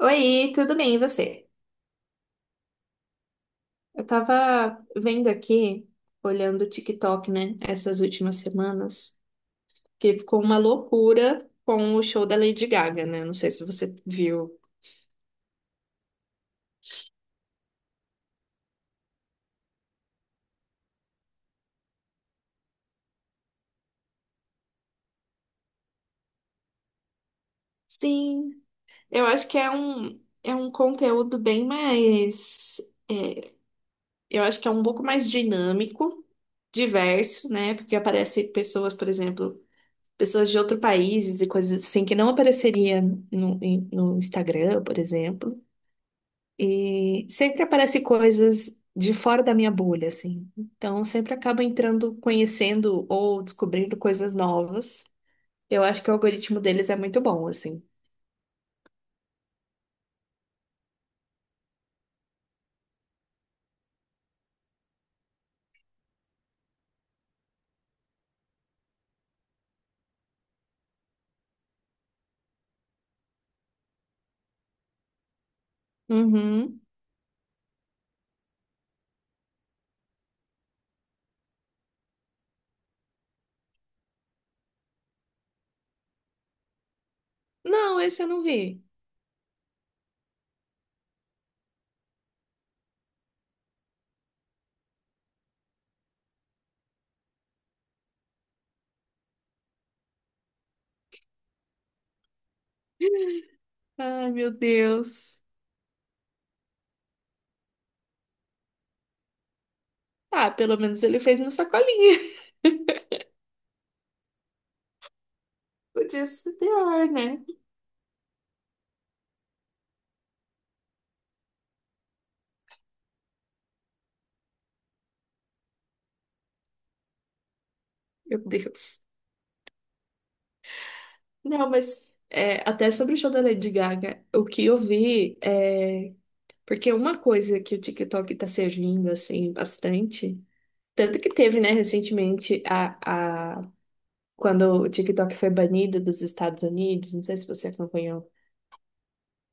Oi, tudo bem, e você? Eu tava vendo aqui, olhando o TikTok, né, essas últimas semanas, que ficou uma loucura com o show da Lady Gaga, né? Não sei se você viu. Sim, eu acho que é um conteúdo bem mais. é, eu acho que é um pouco mais dinâmico, diverso, né? Porque aparece pessoas, por exemplo, pessoas de outros países e coisas assim que não apareceria no Instagram, por exemplo. E sempre aparece coisas de fora da minha bolha, assim. Então, sempre acabo entrando, conhecendo ou descobrindo coisas novas. Eu acho que o algoritmo deles é muito bom, assim. Uhum. Não, esse eu não vi. Ai, meu Deus. Ah, pelo menos ele fez na sacolinha. Podia ser pior, né? Meu Deus. Não, mas é, até sobre o show da Lady Gaga, o que eu vi é. Porque uma coisa que o TikTok tá servindo, assim, bastante. Tanto que teve, né, recentemente, quando o TikTok foi banido dos Estados Unidos, não sei se você acompanhou,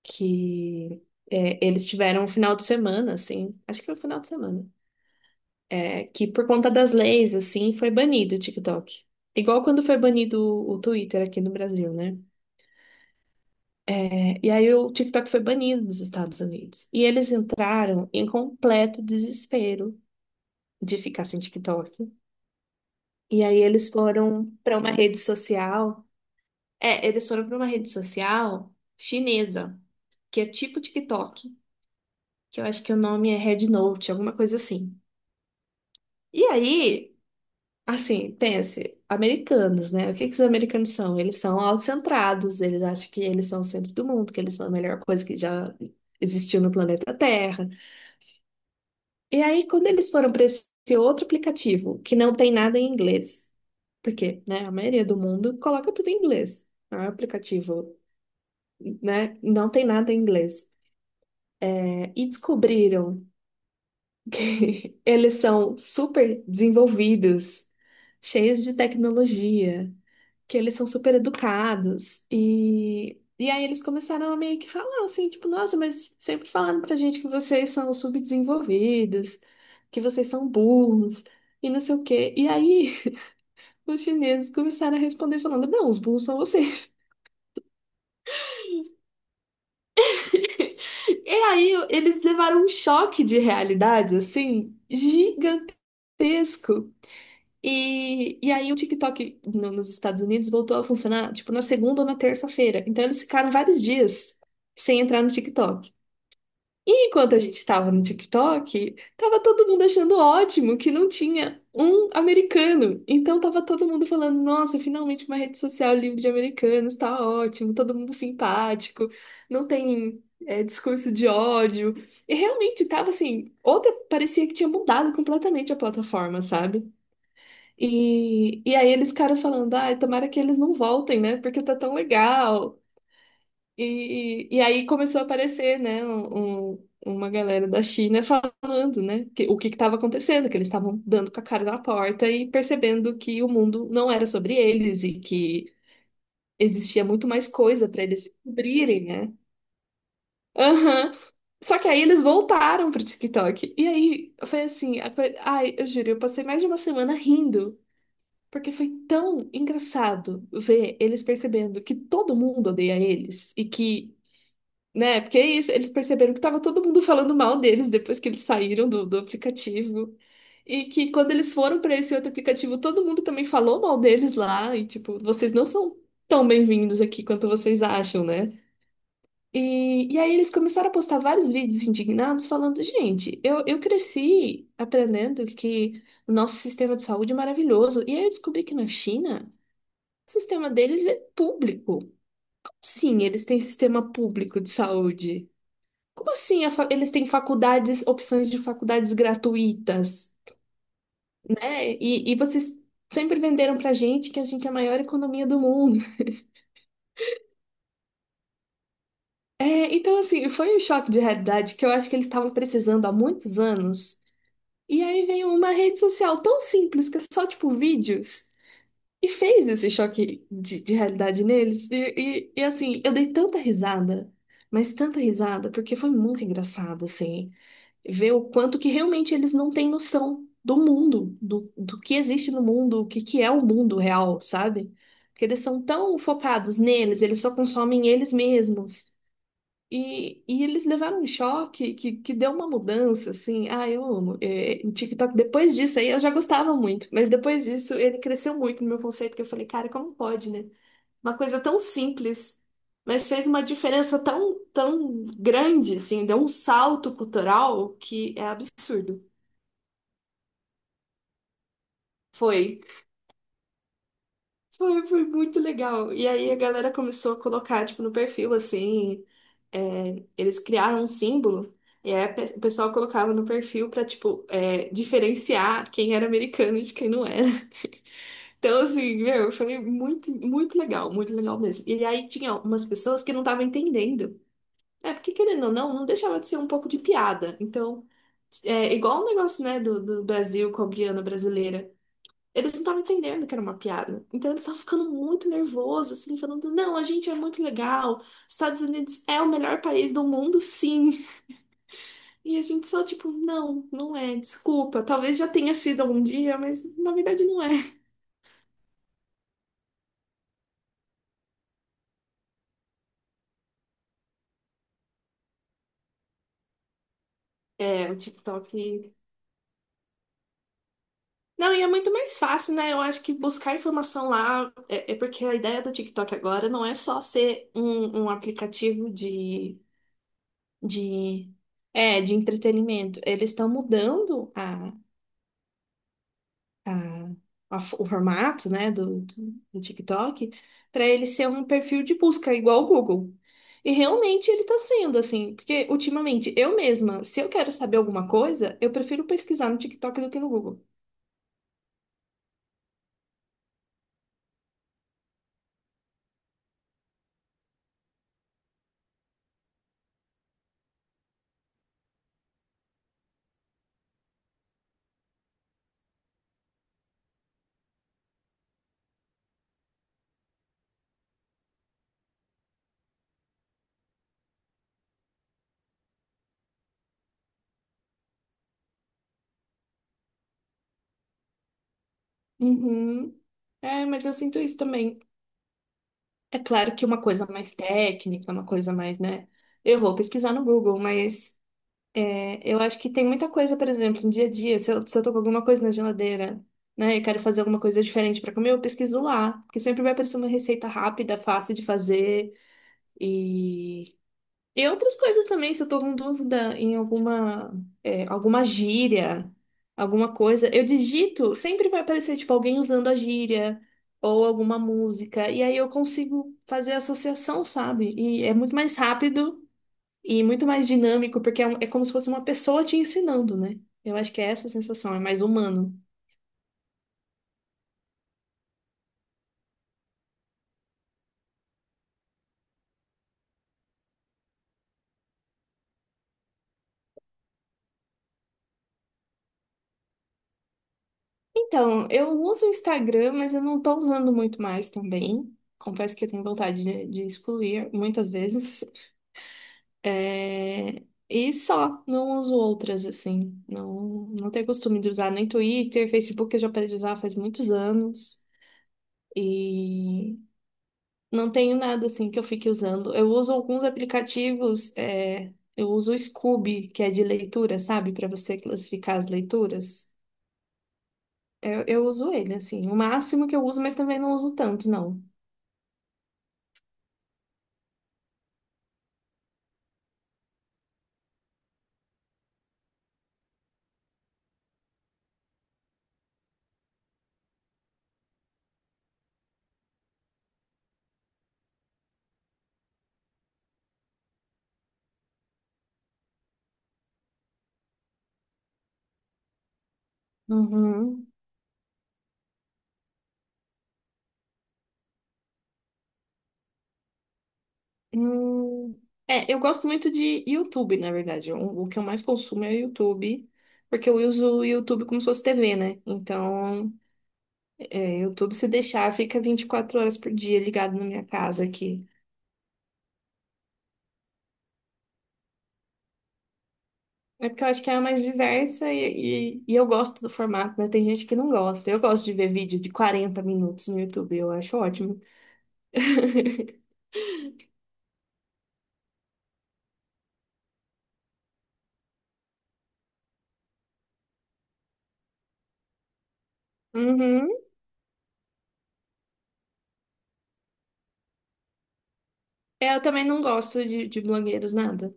que é, eles tiveram um final de semana, assim, acho que foi um final de semana, é, que por conta das leis, assim, foi banido o TikTok. Igual quando foi banido o Twitter aqui no Brasil, né? É, e aí o TikTok foi banido dos Estados Unidos. E eles entraram em completo desespero de ficar sem TikTok. E aí eles foram para uma rede social. É, eles foram para uma rede social chinesa, que é tipo TikTok, que eu acho que o nome é Red Note alguma coisa assim. E aí, assim, pense, americanos, né? O que que os americanos são? Eles são autocentrados, eles acham que eles são o centro do mundo, que eles são a melhor coisa que já existiu no planeta Terra. E aí, quando eles foram para esse outro aplicativo, que não tem nada em inglês, porque, né, a maioria do mundo coloca tudo em inglês. Não é um aplicativo, né? Não tem nada em inglês. E descobriram que eles são super desenvolvidos, cheios de tecnologia, que eles são super educados. E aí eles começaram a meio que falar assim, tipo, nossa, mas sempre falaram pra gente que vocês são subdesenvolvidos, que vocês são burros e não sei o quê. E aí os chineses começaram a responder falando, não, os burros são vocês. E aí eles levaram um choque de realidade assim gigantesco. E aí o TikTok nos Estados Unidos voltou a funcionar, tipo, na segunda ou na terça-feira. Então eles ficaram vários dias sem entrar no TikTok. E enquanto a gente estava no TikTok, tava todo mundo achando ótimo que não tinha um americano. Então tava todo mundo falando, nossa, finalmente uma rede social livre de americanos, tá ótimo, todo mundo simpático, não tem é, discurso de ódio. E realmente tava assim, outra parecia que tinha mudado completamente a plataforma, sabe? E aí eles ficaram falando, ai, tomara que eles não voltem, né? Porque tá tão legal. E aí começou a aparecer, né, uma galera da China falando, né, que, o que estava acontecendo, que eles estavam dando com a cara na porta e percebendo que o mundo não era sobre eles e que existia muito mais coisa para eles descobrirem, né? Aham. Só que aí eles voltaram pro TikTok. E aí foi assim, ai, eu juro, eu passei mais de uma semana rindo. Porque foi tão engraçado ver eles percebendo que todo mundo odeia eles e que, né, porque é isso, eles perceberam que tava todo mundo falando mal deles depois que eles saíram do aplicativo. E que quando eles foram para esse outro aplicativo, todo mundo também falou mal deles lá e tipo, vocês não são tão bem-vindos aqui quanto vocês acham, né? E aí eles começaram a postar vários vídeos indignados falando, gente, eu cresci aprendendo que o nosso sistema de saúde é maravilhoso. E aí eu descobri que na China o sistema deles é público. Como assim eles têm sistema público de saúde? Como assim eles têm faculdades, opções de faculdades gratuitas, né? E vocês sempre venderam pra gente que a gente é a maior economia do mundo. É, então, assim, foi um choque de realidade que eu acho que eles estavam precisando há muitos anos. E aí veio uma rede social tão simples, que é só, tipo, vídeos. E fez esse choque de realidade neles. Assim, eu dei tanta risada, mas tanta risada, porque foi muito engraçado, assim, ver o quanto que realmente eles não têm noção do mundo, do que existe no mundo, que é o mundo real, sabe? Porque eles são tão focados neles, eles só consomem eles mesmos. E eles levaram um choque que deu uma mudança, assim. Ah, eu amo. É, o TikTok, depois disso aí, eu já gostava muito, mas depois disso ele cresceu muito no meu conceito, que eu falei, cara, como pode, né? Uma coisa tão simples, mas fez uma diferença tão, tão grande, assim, deu um salto cultural que é absurdo. Foi. Foi, foi muito legal. E aí a galera começou a colocar, tipo, no perfil, assim, é, eles criaram um símbolo, e aí o pessoal colocava no perfil pra, tipo, é, diferenciar quem era americano de quem não era. Então, assim, meu, foi muito, muito legal mesmo. E aí tinha umas pessoas que não estavam entendendo. É, porque querendo ou não, não deixava de ser um pouco de piada. Então, é igual o negócio, né, do Brasil com a Guiana brasileira. Eles não estavam entendendo que era uma piada. Então eles estavam ficando muito nervosos, assim, falando: não, a gente é muito legal, Estados Unidos é o melhor país do mundo, sim. E a gente só, tipo, não, não é, desculpa. Talvez já tenha sido algum dia, mas na verdade não é. É, o TikTok. Não, e é muito mais fácil, né? Eu acho que buscar informação lá é, é porque a ideia do TikTok agora não é só ser um aplicativo de, é, de entretenimento. Eles estão mudando a- o formato, né, do TikTok, para ele ser um perfil de busca igual o Google. E realmente ele está sendo assim, porque ultimamente eu mesma, se eu quero saber alguma coisa, eu prefiro pesquisar no TikTok do que no Google. Uhum. É, mas eu sinto isso também. É claro que uma coisa mais técnica, uma coisa mais, né? Eu vou pesquisar no Google, mas eu acho que tem muita coisa, por exemplo, no dia a dia, se eu tô com alguma coisa na geladeira, né, e quero fazer alguma coisa diferente pra comer, eu pesquiso lá, porque sempre vai aparecer uma receita rápida, fácil de fazer e e outras coisas também, se eu tô com dúvida em alguma é, alguma gíria, alguma coisa, eu digito, sempre vai aparecer tipo alguém usando a gíria ou alguma música, e aí eu consigo fazer associação, sabe? E é muito mais rápido e muito mais dinâmico, porque é, é como se fosse uma pessoa te ensinando, né? Eu acho que é essa a sensação, é mais humano. Então, eu uso o Instagram, mas eu não estou usando muito mais também. Confesso que eu tenho vontade de excluir muitas vezes. É, e só, não uso outras, assim. Não, não tenho costume de usar nem Twitter, Facebook eu já parei de usar faz muitos anos. E não tenho nada assim que eu fique usando. Eu uso alguns aplicativos, é, eu uso o Scoob, que é de leitura, sabe? Para você classificar as leituras. Eu uso ele, assim, o máximo que eu uso, mas também não uso tanto, não. Uhum. Hum, é, eu gosto muito de YouTube, na verdade. O que eu mais consumo é o YouTube, porque eu uso o YouTube como se fosse TV, né? Então, é, YouTube, se deixar, fica 24 horas por dia ligado na minha casa aqui. É porque eu acho que é a mais diversa e eu gosto do formato, mas tem gente que não gosta. Eu gosto de ver vídeo de 40 minutos no YouTube, eu acho ótimo. Uhum. É, eu também não gosto de blogueiros, nada.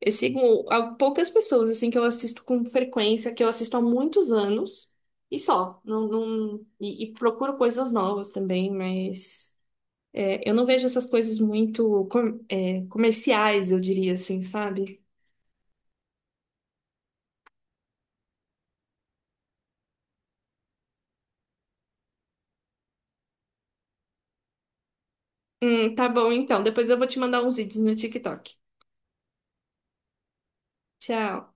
Eu sigo poucas pessoas, assim, que eu assisto com frequência, que eu assisto há muitos anos, e só. Não, não, e procuro coisas novas também, mas é, eu não vejo essas coisas muito é, comerciais, eu diria assim, sabe? Tá bom então. Depois eu vou te mandar uns vídeos no TikTok. Tchau.